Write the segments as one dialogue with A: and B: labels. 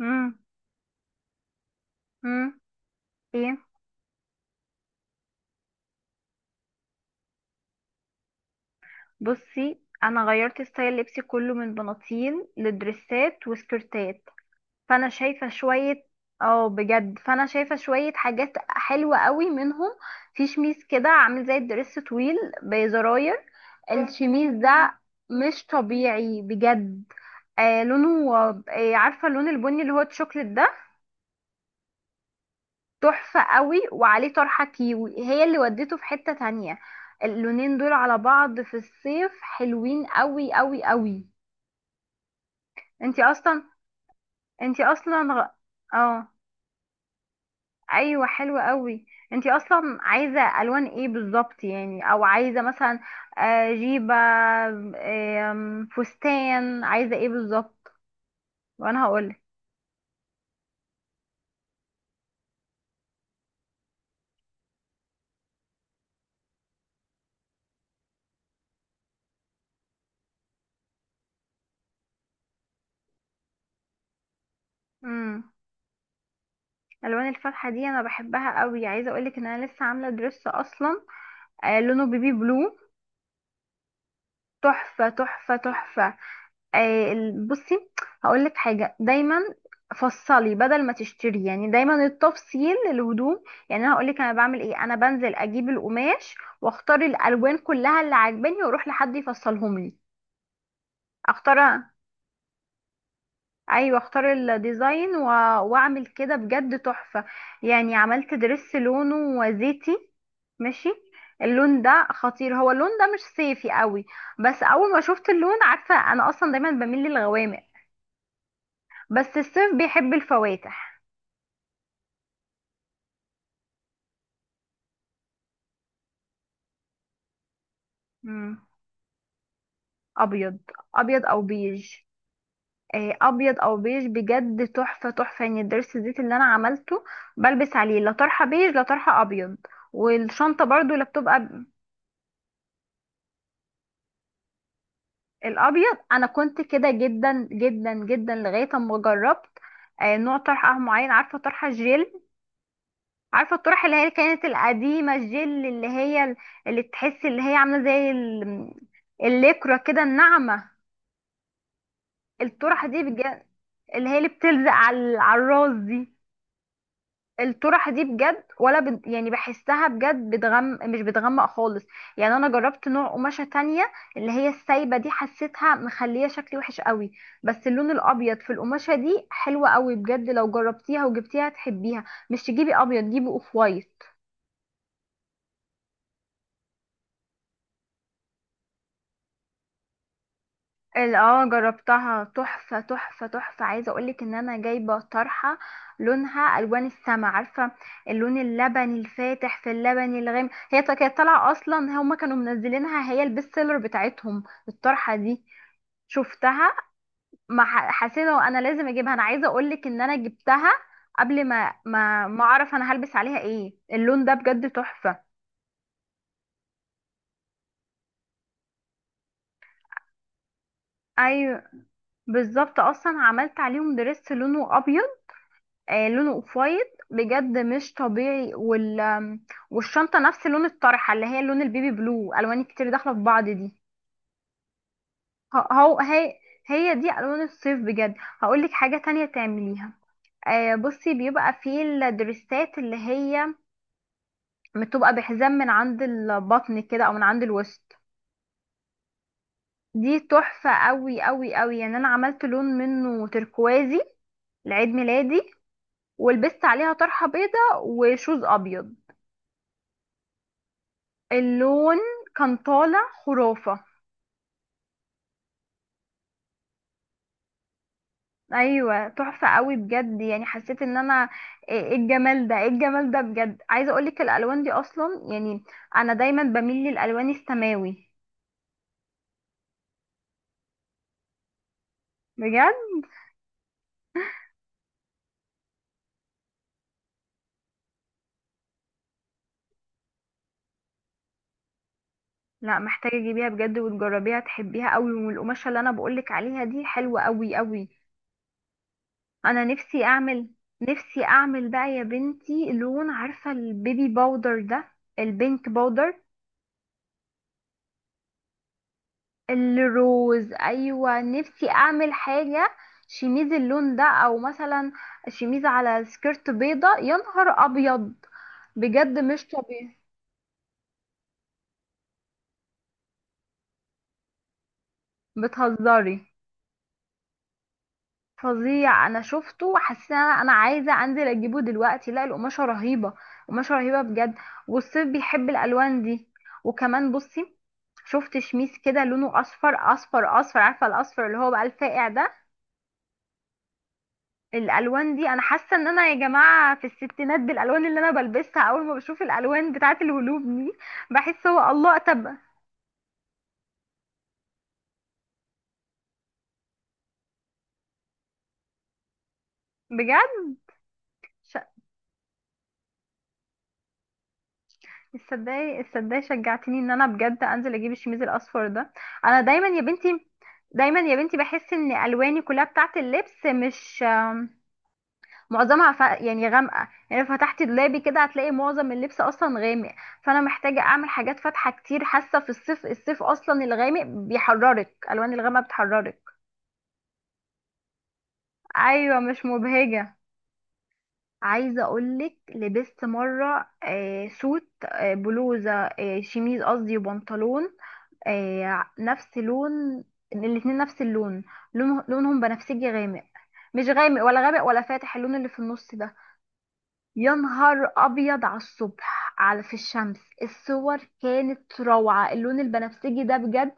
A: امم امم ايه. بصي، انا غيرت ستايل لبسي كله من بناطيل لدريسات وسكرتات. فانا شايفه شويه. اه بجد، فانا شايفه شويه حاجات حلوه قوي منهم. في شميس كده عامل زي الدريس طويل، بزراير. الشميس ده مش طبيعي بجد. آه لونه. عارفه اللون البني اللي هو الشوكليت ده؟ تحفة قوي، وعليه طرحة كيوي هي اللي ودته في حتة تانية. اللونين دول على بعض في الصيف حلوين قوي قوي قوي. انتي اصلا انتي اصلا غ- اه، ايوه حلوة قوي. انتي اصلا عايزة الوان ايه بالظبط يعني؟ او عايزة مثلا جيبة، فستان، عايزة ايه بالظبط؟ وانا هقولك. امم الوان الفاتحة دي انا بحبها قوي. عايزة اقولك ان انا لسه عاملة درس اصلا، لونه بيبي بلو. تحفة تحفة تحفة. آه، بصي، هقول لك حاجة: دايما فصلي بدل ما تشتري. يعني دايما التفصيل للهدوم. يعني انا هقول لك انا بعمل ايه: انا بنزل اجيب القماش، واختار الالوان كلها اللي عاجباني، واروح لحد يفصلهم لي. اختار، ايوه اختار الديزاين واعمل كده بجد تحفة. يعني عملت درس لونه زيتي. ماشي. اللون ده خطير، هو اللون ده مش صيفي قوي، بس اول ما شفت اللون. عارفة انا اصلا دايما بميل للغوامق، بس الصيف بيحب الفواتح. مم. ابيض، ابيض او بيج. ابيض او بيج بجد تحفة تحفة. يعني الدرس الزيت اللي انا عملته بلبس عليه لا طرحة بيج لا طرحة ابيض، والشنطة برضو لا، بتبقى الابيض. انا كنت كده جدا جدا جدا لغايه اما جربت نوع طرحه معين. عارفه طرحه جيل؟ عارفه الطرح اللي هي كانت القديمه، الجيل اللي هي اللي تحس اللي هي عامله زي الليكرة كده، الناعمه؟ الطرحه دي بجد، اللي هي اللي بتلزق على الراس دي. الطرح دي بجد ولا بد، يعني بحسها بجد مش بتغمق خالص. يعني انا جربت نوع قماشة تانية، اللي هي السايبة دي، حسيتها مخلية شكلي وحش قوي. بس اللون الابيض في القماشة دي حلوة قوي بجد، لو جربتيها وجبتيها هتحبيها. مش تجيبي ابيض، جيبي اوف وايت. اه، جربتها تحفة تحفة تحفة. عايزة اقولك ان انا جايبة طرحة لونها الوان السما، عارفة؟ اللون اللبني الفاتح في اللبني الغامق، كانت طالعة اصلا، هما كانوا منزلينها هي البيست سيلر بتاعتهم الطرحة دي. شفتها، ما ح- حسيت هو انا لازم اجيبها. انا عايزة اقولك ان انا جبتها قبل ما اعرف انا هلبس عليها ايه. اللون ده بجد تحفة. ايوه بالظبط، اصلا عملت عليهم دريس لونه ابيض، لونه اوف وايت بجد مش طبيعي، والشنطه نفس لون الطرحه اللي هي لون البيبي بلو. الوان كتير داخله في بعض دي. هو هي، هي دي الوان الصيف بجد. هقولك حاجه تانية تعمليها: بصي، بيبقى في الدريسات اللي هي بتبقى بحزام من عند البطن كده او من عند الوسط. دي تحفه قوي قوي قوي. يعني انا عملت لون منه تركوازي لعيد ميلادي، ولبست عليها طرحه بيضه وشوز ابيض. اللون كان طالع خرافة. ايوه تحفة قوي بجد. يعني حسيت ان انا، ايه إيه الجمال ده؟ ايه الجمال ده بجد؟ عايزة اقولك الالوان دي اصلا يعني، انا دايما بميل للالوان السماوي. بجد، لا، محتاجة تجيبيها بجد وتجربيها، تحبيها قوي. والقماشة اللي انا بقولك عليها دي حلوة قوي قوي. انا نفسي اعمل، نفسي اعمل بقى يا بنتي لون. عارفة البيبي باودر ده، البينك باودر، الروز؟ ايوه، نفسي اعمل حاجه شميز اللون ده، او مثلا شميز على سكيرت بيضه. يا نهار ابيض، بجد مش طبيعي. بتهزري؟ فظيع. انا شفته وحاسه إن انا، أنا عايزه انزل اجيبه دلوقتي. لا، القماشه رهيبه، قماشه رهيبه بجد، والصيف بيحب الالوان دي. وكمان بصي، شفت شميس كده لونه اصفر اصفر اصفر. عارفه الاصفر اللي هو بقى الفاقع ده؟ الالوان دي انا حاسه ان انا يا جماعه في الستينات بالالوان اللي انا بلبسها، اول ما بشوف الالوان بتاعه الهلوب دي بحس. هو الله، طب بجد، ش- تصدقي تصدقي شجعتيني ان انا بجد انزل اجيب الشميز الاصفر ده. انا دايما يا بنتي، دايما يا بنتي بحس ان الواني كلها بتاعه اللبس مش معظمها يعني غامقه. يعني لو فتحتي دولابي كده هتلاقي معظم اللبس اصلا غامق. فانا محتاجه اعمل حاجات فاتحه كتير، حاسه في الصيف، الصيف اصلا الغامق بيحررك، الالوان الغامقه بتحررك. ايوه مش مبهجه. عايزه اقولك لبست مره سوت بلوزه شميز قصدي، وبنطلون. نفس لون الاتنين، نفس اللون. لون لونهم بنفسجي غامق، مش غامق ولا غامق ولا فاتح، اللون اللي في النص ده. يا نهار ابيض، على الصبح على في الشمس الصور كانت روعه. اللون البنفسجي ده بجد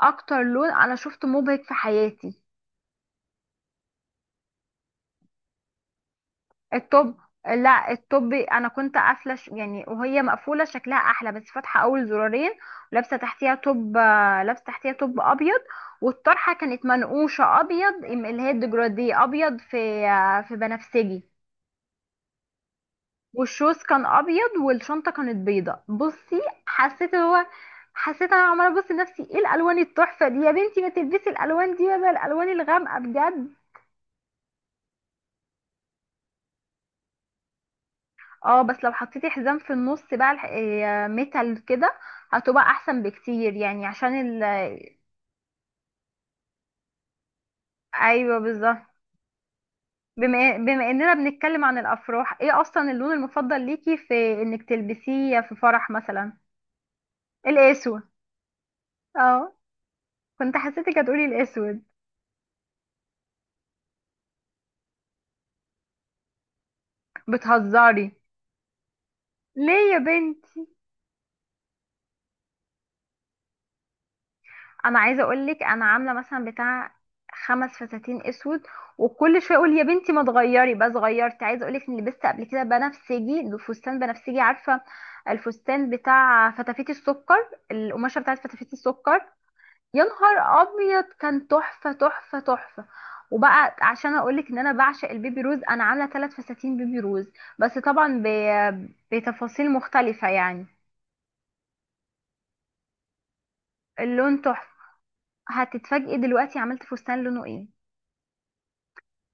A: اكتر لون انا شفته مبهج في حياتي. الطب، لا، الطب انا كنت قافله، يعني وهي مقفوله شكلها احلى، بس فاتحه اول زرارين ولابسه تحتيها توب، لابسه تحتيها توب ابيض، والطرحه كانت منقوشه ابيض، اللي هي الديجرادي ابيض في، في بنفسجي. والشوز كان ابيض والشنطه كانت بيضه. بصي حسيت هو، حسيت انا عماله ابص لنفسي ايه الالوان التحفه دي، يا بنتي ما تلبسي الالوان دي بدل الالوان الغامقه بجد. اه، بس لو حطيتي حزام في النص بقى، ميتال كده، هتبقى احسن بكتير، يعني عشان ال... ايوه بالظبط. بما اننا بنتكلم عن الافراح، ايه اصلا اللون المفضل ليكي في انك تلبسيه في فرح مثلا؟ الاسود. اه، كنت حسيتك هتقولي الاسود. بتهزري؟ ليه يا بنت؟ انا عايزه اقول لك انا عامله مثلا بتاع خمس فساتين اسود، وكل شويه اقول يا بنتي ما تغيري، بس غيرت. عايزه اقول لك اني لبست قبل كده بنفسجي، فستان بنفسجي. عارفه الفستان بتاع فتافيت السكر، القماشه بتاعت فتافيت السكر؟ يا نهار ابيض، كان تحفه تحفه تحفه. وبقى عشان اقول لك ان انا بعشق البيبي روز، انا عامله ثلاث فساتين بيبي روز، بس طبعا بتفاصيل مختلفه يعني. اللون تحفه. هتتفاجئي دلوقتي، عملت فستان لونه ايه؟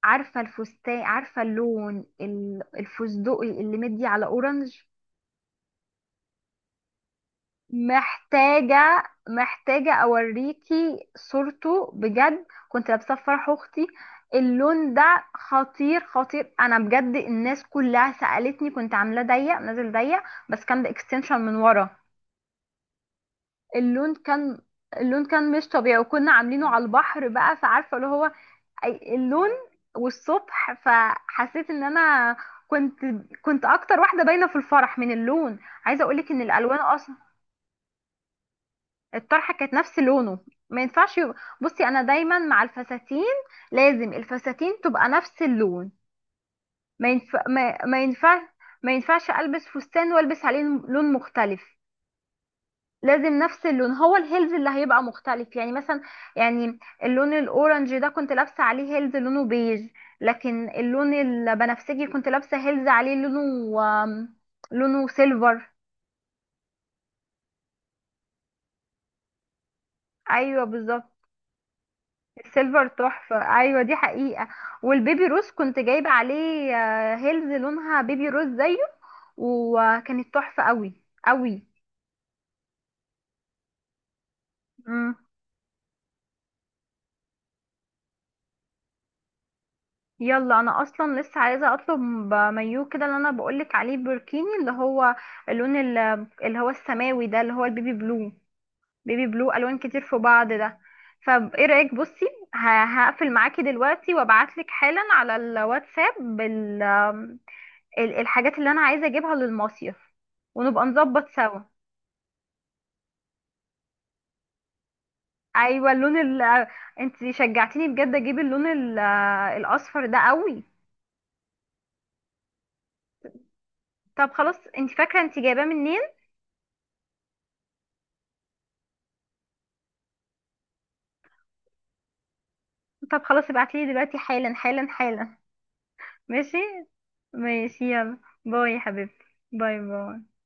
A: عارفة الفستان، عارفة اللون الفستقي اللي مدي على اورنج؟ محتاجة، محتاجة اوريكي صورته بجد. كنت لابساه في فرح اختي، اللون ده خطير خطير. انا بجد الناس كلها سألتني. كنت عاملاه ضيق نازل ضيق، بس كان باكستنشن من ورا. اللون كان، اللون كان مش طبيعي، وكنا عاملينه على البحر بقى، فعارفة اللي هو اللون. والصبح فحسيت ان انا كنت، كنت اكتر واحده باينه في الفرح من اللون. عايزه اقولك ان الالوان اصلا، الطرحه كانت نفس لونه. ما ينفعش يبقى، بصي انا دايما مع الفساتين لازم الفساتين تبقى نفس اللون. ما ينفع ما ينفع، ما ينفعش البس فستان والبس عليه لون مختلف. لازم نفس اللون، هو الهيلز اللي هيبقى مختلف. يعني مثلا، يعني اللون الاورنج ده كنت لابسه عليه هيلز لونه بيج. لكن اللون البنفسجي كنت لابسه هيلز عليه لونه آم، لونه سيلفر. ايوه بالظبط، السيلفر تحفه، ايوه دي حقيقه. والبيبي روز كنت جايبه عليه هيلز لونها بيبي روز زيه، وكانت تحفه قوي قوي. يلا، انا اصلا لسه عايزه اطلب مايو كده اللي انا بقولك عليه، بركيني اللي هو اللون اللي هو السماوي ده، اللي هو البيبي بلو. بيبي بلو الوان كتير في بعض ده. فايه رايك؟ بصي هقفل معاكي دلوقتي وابعتلك حالا على الواتساب بال الحاجات اللي انا عايزه اجيبها للمصيف، ونبقى نظبط سوا. ايوه اللون انت شجعتيني بجد اجيب اللون الاصفر ده قوي. طب خلاص، انت فاكره انت جايباه منين؟ طب خلاص ابعتلي دلوقتي حالا حالا حالا. ماشي، ماشي يلا. باي يا حبيبتي. باي باي.